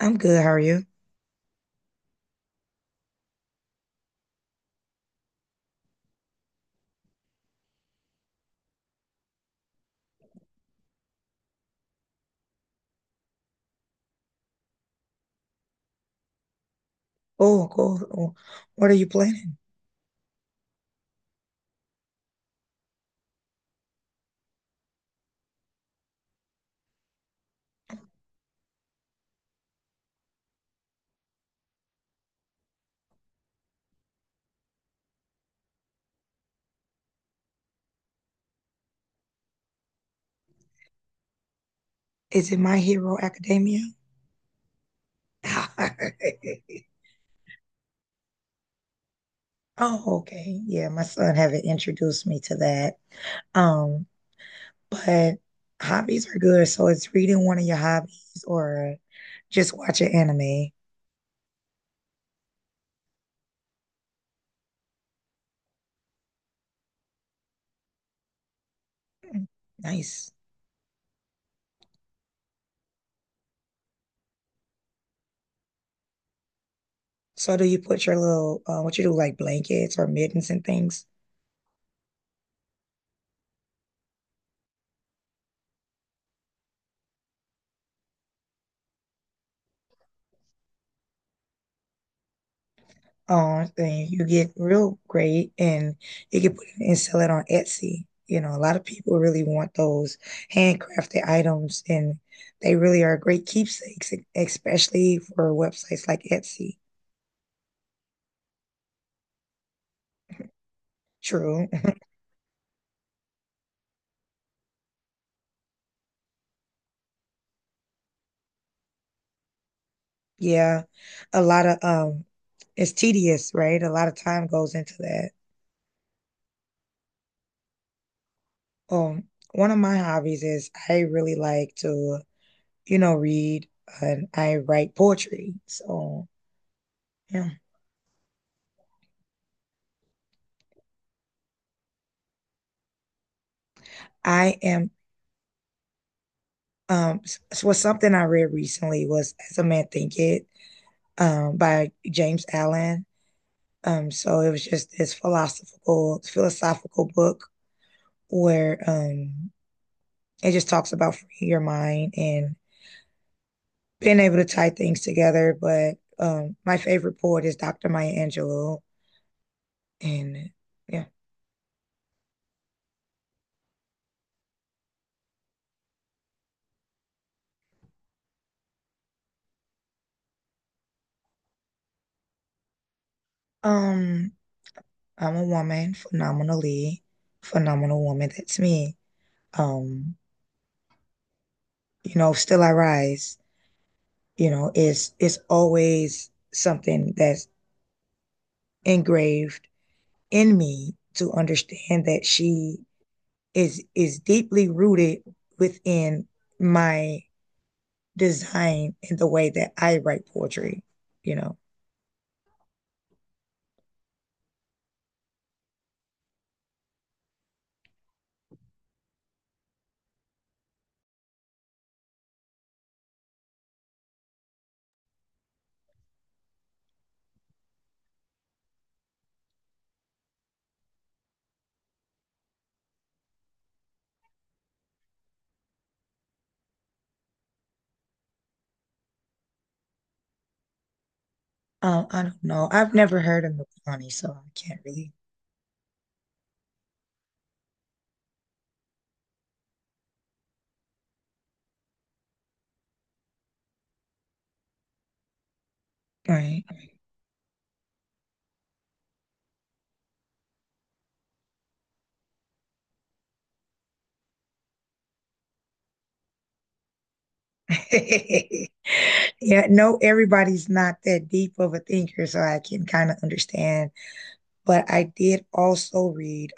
I'm good. How are you? Oh, cool. Oh, what are you planning? Is it My Hero Academia? Oh, okay. Yeah, my son haven't introduced me to that. Um, but hobbies are good. So it's reading one of your hobbies or just watching anime. Mm. Nice. So do you put your little what you do like blankets or mittens and things? Um, thing. You get real great and you can put it and sell it on Etsy. A lot of people really want those handcrafted items and they really are great keepsakes, especially for websites like Etsy. True. Yeah. A lot of it's tedious, right? A lot of time goes into that. One of my hobbies is I really like to, read and I write poetry. So, yeah. I am Um, was something I read recently was "As a Man Thinketh" by James Allen. So it was just this philosophical book where it just talks about freeing your mind and being able to tie things together. But my favorite poet is Dr. Maya Angelou, and yeah. um, I'm a woman, phenomenal woman. That's me. Um, you know, still I rise. You know, is always something that's engraved in me to understand that she is deeply rooted within my design in the way that I write poetry, you know. I don't know. I've never heard of Mapani, so I can't really. Right. Yeah, no, everybody's not that deep of a thinker, so I can kind of understand. But I did also read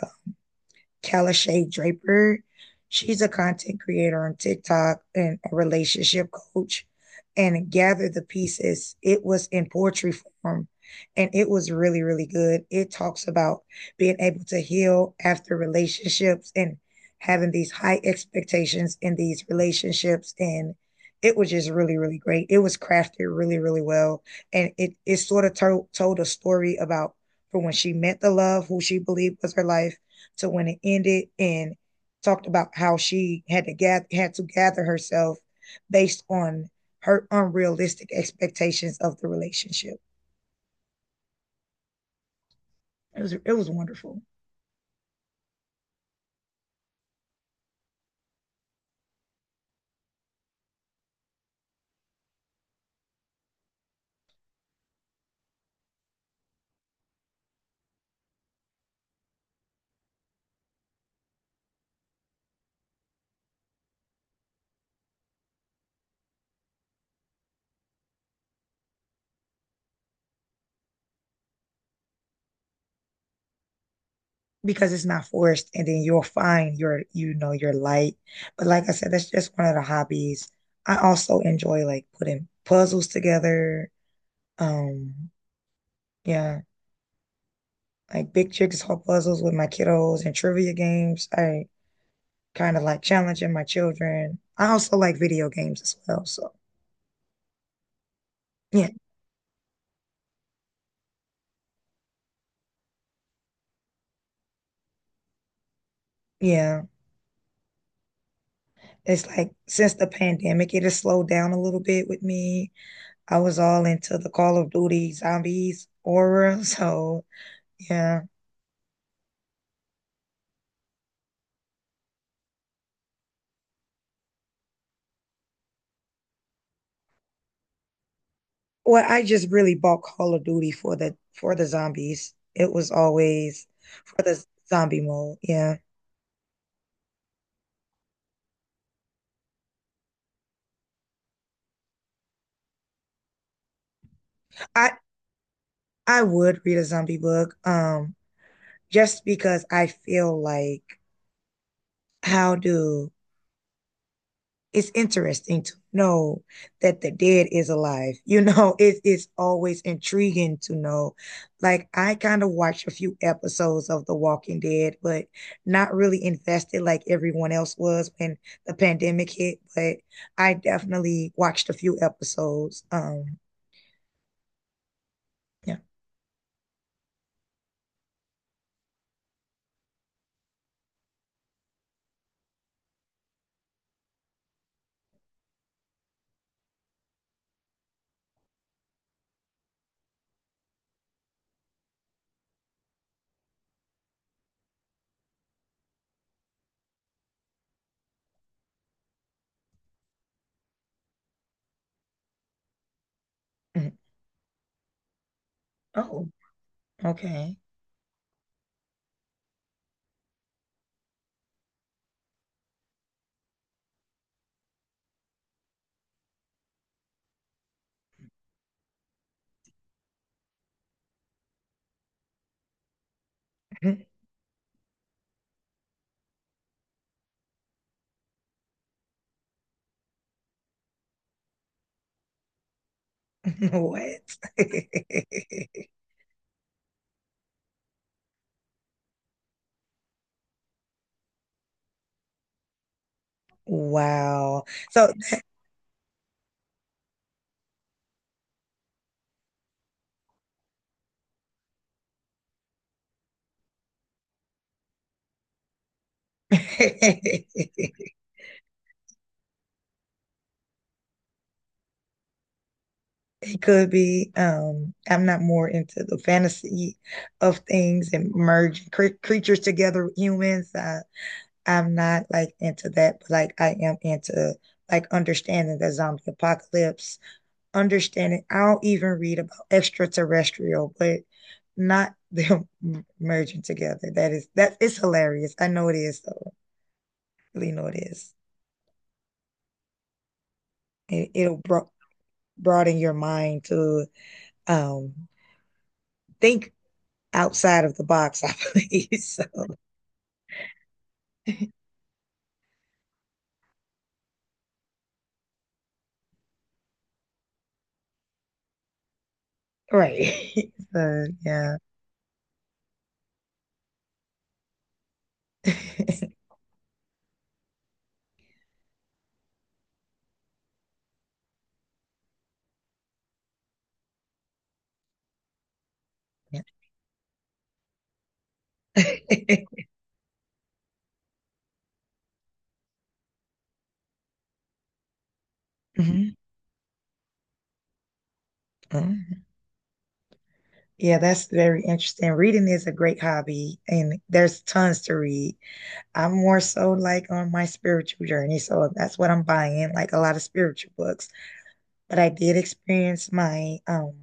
Kalashay Draper. She's a content creator on TikTok and a relationship coach. And Gather the Pieces, it was in poetry form and it was really, really good. It talks about being able to heal after relationships and having these high expectations in these relationships. And it was just really, really great. It was crafted really, really well. And it sort of told a story about from when she met the love, who she believed was her life, to when it ended and talked about how she had to gather herself based on her unrealistic expectations of the relationship. It was wonderful because it's not forced and then you'll find your, you know, your light. But like I said, that's just one of the hobbies. I also enjoy like putting puzzles together. Um yeah, like big jigsaw puzzles with my kiddos and trivia games. I kind of like challenging my children. I also like video games as well. So, yeah, yeah. It's like since the pandemic, it has slowed down a little bit with me. I was all into the Call of Duty zombies aura. So, yeah. Well, I just really bought Call of Duty for the zombies. It was always for the zombie mode. Yeah. I I would read a zombie book just because I feel like how do it's interesting to know that the dead is alive. You know, it is always intriguing to know. Like I kind of watched a few episodes of The Walking Dead, but not really invested like everyone else was when the pandemic hit. But I definitely watched a few episodes. Yeah. Mhm. Oh, okay. What? Wow. So it could be. I'm not more into the fantasy of things and merging creatures together with humans. I, I'm not like into that, but like I am into like understanding the zombie apocalypse, understanding. I'll even read about extraterrestrial, but not them merging together. That is that it's hilarious. I know it is though. I really know it is. It'll broaden your mind to um think outside of the box, I believe. So, right. So, yeah. Yeah. Mhm. Mhm. Yeah, that's very interesting. Reading is a great hobby, and there's tons to read. I'm more so like on my spiritual journey, so that's what I'm buying, like a lot of spiritual books. But I did experience my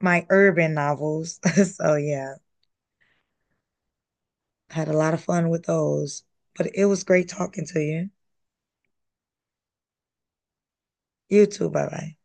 my urban novels. So yeah, had a lot of fun with those. But it was great talking to you. You too. Bye bye.